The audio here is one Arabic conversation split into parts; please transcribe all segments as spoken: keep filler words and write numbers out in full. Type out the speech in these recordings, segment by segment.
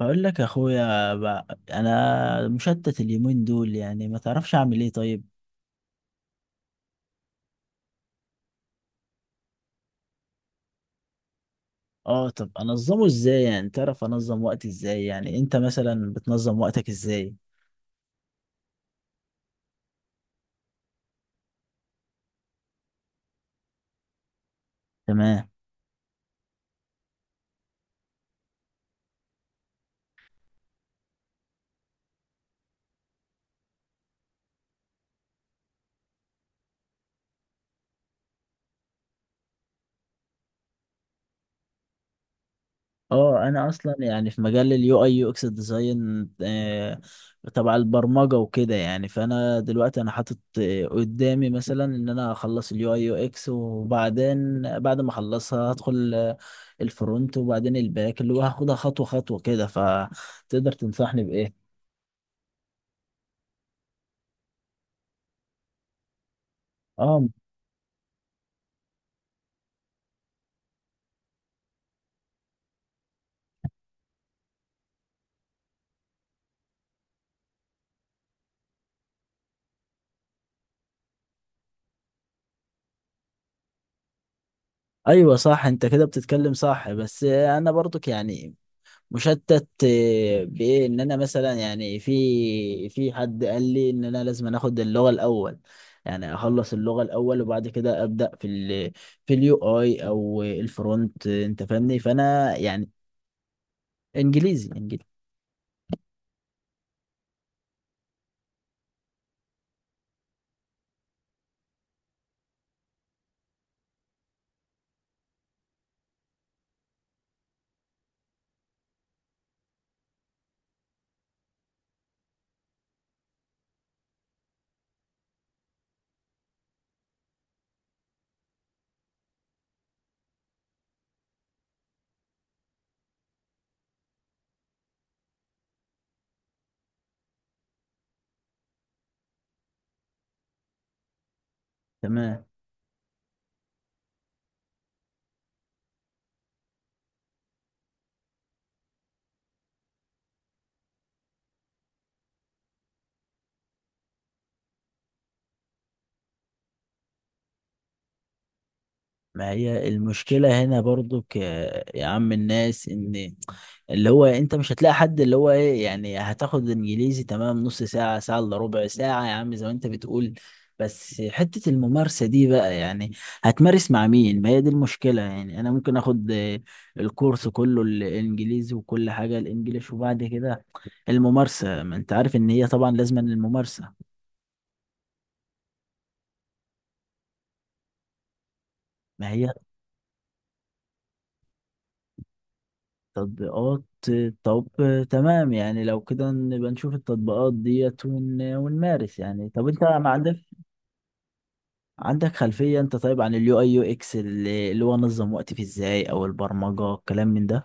بقول لك يا اخويا بقى انا مشتت اليومين دول، يعني ما تعرفش اعمل ايه. طيب اه، طب انظمه ازاي؟ يعني تعرف انظم وقتي ازاي؟ يعني انت مثلا بتنظم وقتك ازاي؟ تمام. اه انا اصلا يعني في مجال اليو اي يو اكس ديزاين، آه، تبع البرمجه وكده. يعني فانا دلوقتي انا حاطط آه، قدامي مثلا ان انا اخلص اليو اي يو اكس، وبعدين بعد ما اخلصها هدخل آه، الفرونت، وبعدين الباك، اللي هو هاخدها خطوه خطوه كده. فتقدر تنصحني بايه؟ اه ايوه صح، انت كده بتتكلم صح، بس انا برضك يعني مشتت آه، بايه، ان انا مثلا يعني في في حد قال لي ان انا لازم اخد اللغه الاول، يعني اخلص اللغه الاول وبعد كده ابدا في ال في اليو اي او الفرونت، آه، انت فاهمني. فانا يعني انجليزي انجليزي. تمام. ما هي المشكلة هنا برضو ك... يا عم الناس، ان اللي هو انت مش هتلاقي حد، اللي هو ايه يعني، هتاخد انجليزي تمام نص ساعة، ساعة الا ربع ساعة يا عم زي ما انت بتقول، بس حتة الممارسة دي بقى يعني هتمارس مع مين؟ ما هي دي المشكلة. يعني انا ممكن اخد آه، الكورس كله الانجليزي وكل حاجة الانجليش، وبعد كده الممارسة، ما انت عارف ان هي طبعا لازم الممارسة. ما هي تطبيقات. طب تمام، يعني لو كده نبقى نشوف التطبيقات ديت ون... ونمارس. يعني طب انت ما عندك، عندك خلفية انت طيب عن اليو اي يو اكس، اللي اللي هو انظم وقتي فيه ازاي، او البرمجة الكلام من ده؟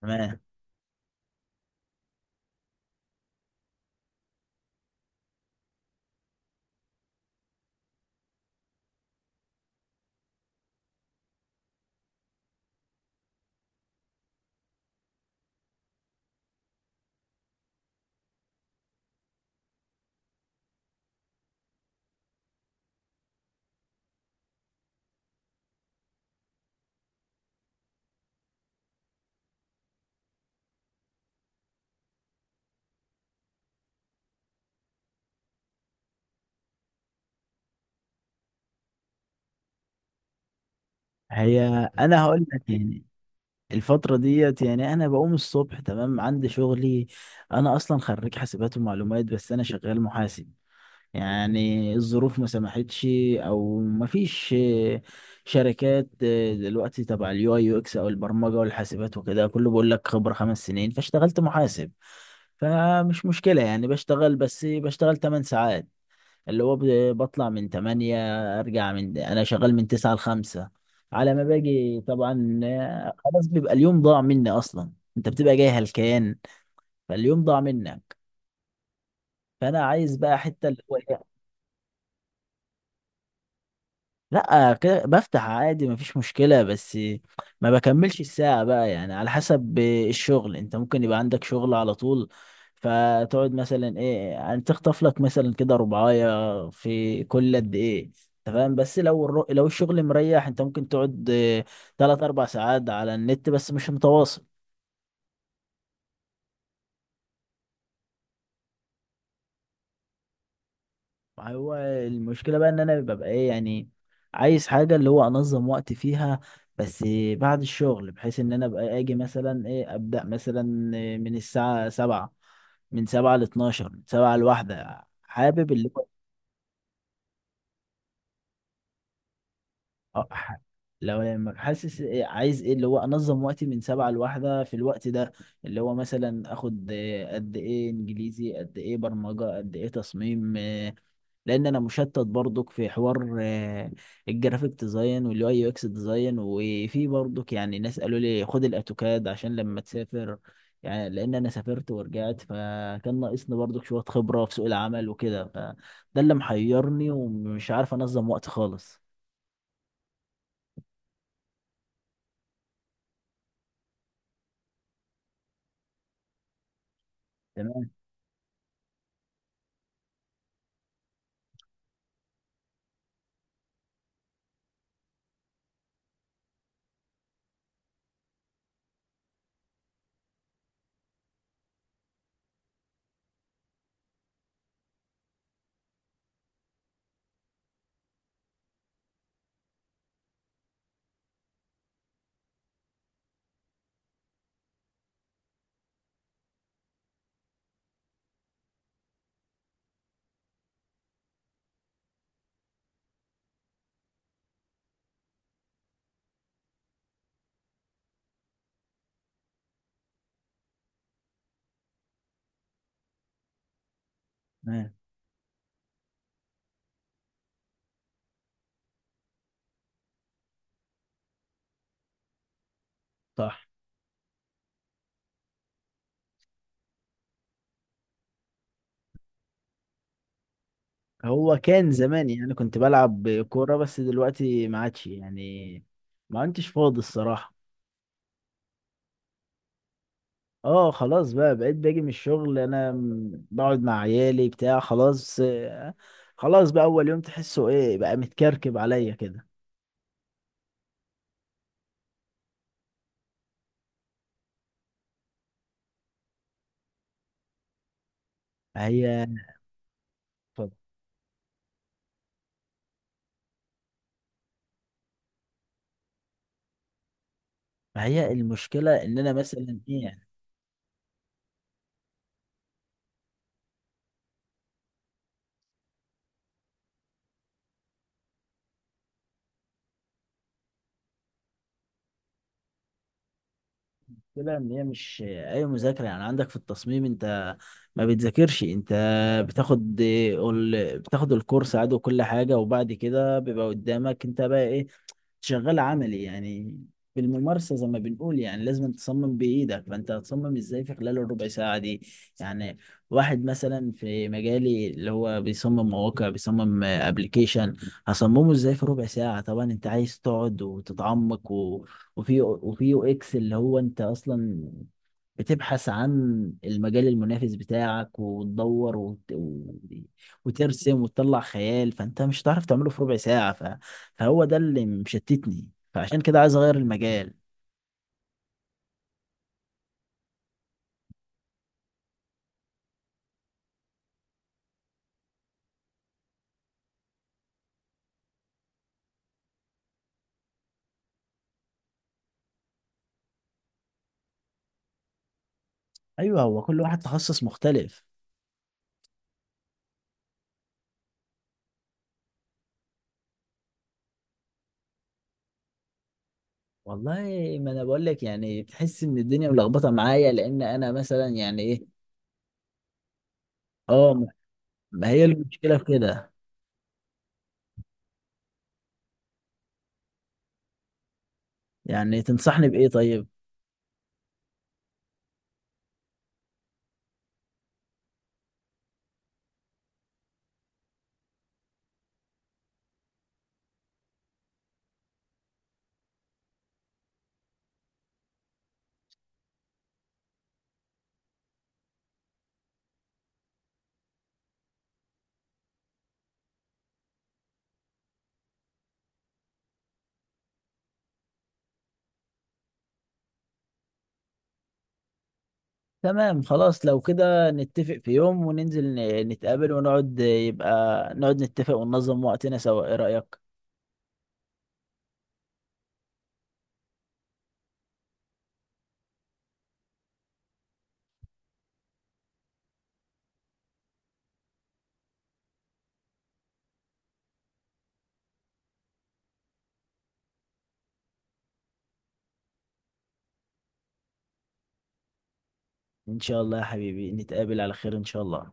تمام. هي انا هقول لك يعني الفترة ديت، يعني انا بقوم الصبح، تمام، عندي شغلي. انا اصلا خريج حاسبات ومعلومات، بس انا شغال محاسب، يعني الظروف ما سمحتش، او ما فيش آه، شركات آه، دلوقتي تبع اليو اي يو اكس او البرمجه والحاسبات وكده، كله بيقول لك خبره خمس سنين، فاشتغلت محاسب. فمش مشكله، يعني بشتغل، بس بشتغل 8 ساعات، اللي هو ب- بطلع من تمانية ارجع، من انا شغال من تسعة ل خمسة، على ما باجي طبعا آه، خلاص بيبقى اليوم ضاع مني اصلا. انت بتبقى جاي هلكان، فاليوم ضاع منك. فانا عايز بقى حته اللي هو إيه، لا كده بفتح عادي مفيش مشكلة، بس ما بكملش الساعة بقى. يعني على حسب الشغل، انت ممكن يبقى عندك شغل على طول، فتقعد مثلا ايه يعني، تخطف لك مثلا كده ربعاية في كل قد ايه، انت فاهم. بس لو الر- لو الشغل مريح، انت ممكن تقعد اه، تلات اربع ساعات على النت، بس مش متواصل. هو المشكلة بقى ان انا ببقى ايه يعني، عايز حاجة اللي هو انظم وقت فيها، بس بعد الشغل، بحيث ان انا ابقى اجي مثلا ايه، ابدأ مثلا من الساعة سبعة، من سبعة لاتناشر، من سبعة لواحدة، حابب اللي هو اه ح- لو لما حاسس إيه، عايز ايه اللي هو انظم وقتي من سبعة لواحدة في الوقت ده، اللي هو مثلا اخد إيه، قد ايه انجليزي، قد ايه برمجة، قد ايه تصميم. لان انا مشتت برضك في حوار آه، الجرافيك ديزاين واليو اي يو اكس ديزاين، وفي برضك يعني ناس قالوا لي خد الاوتوكاد عشان لما تسافر، يعني لان انا سافرت ورجعت، فكان ناقصني برضك شوية خبرة في سوق العمل وكده. فده اللي محيرني، ومش عارف انظم وقت خالص. تمام. تمام. صح. هو كان زمان يعني كنت بلعب كورة، بس دلوقتي ما عادش يعني، ما عدتش فاضي الصراحة. اه خلاص بقى، بقيت باجي من الشغل انا م- بقعد مع عيالي بتاع، خلاص آه، خلاص بقى اول يوم تحسه ايه بقى متكركب عليا كده. هي اتفضل. هي المشكله ان انا مثلا ايه يعني، المشكله ان هي مش اي مذاكره. يعني عندك في التصميم انت ما بتذاكرش انت، بتاخد ال- بتاخد الكورس عادي وكل حاجه، وبعد كده بيبقى قدامك انت بقى ايه، شغال عملي يعني، بالممارسة زي ما بنقول. يعني لازم تصمم بإيدك، فأنت هتصمم إزاي في خلال الربع ساعة دي؟ يعني واحد مثلا في مجالي اللي هو بيصمم مواقع، بيصمم ابلكيشن، هصممه إزاي في ربع ساعة؟ طبعا أنت عايز تقعد وتتعمق و... وفي وفي يو إكس اللي هو أنت أصلا بتبحث عن المجال المنافس بتاعك، وتدور وت... و... وترسم وتطلع خيال، فأنت مش هتعرف تعمله في ربع ساعة ف... فهو ده اللي مشتتني، فعشان كده عايز اغير المجال. ايوه، هو كل واحد تخصص مختلف. والله ما انا بقول لك، يعني تحس ان الدنيا ملخبطه معايا، لان انا مثلا يعني ايه. اه، ما ما هي المشكله في كده. يعني تنصحني بايه طيب؟ تمام خلاص، لو كده نتفق في يوم وننزل ن- نتقابل ونقعد، يبقى نقعد نتفق وننظم وقتنا سوا، ايه رايك؟ ان شاء الله يا حبيبي نتقابل على خير ان شاء الله.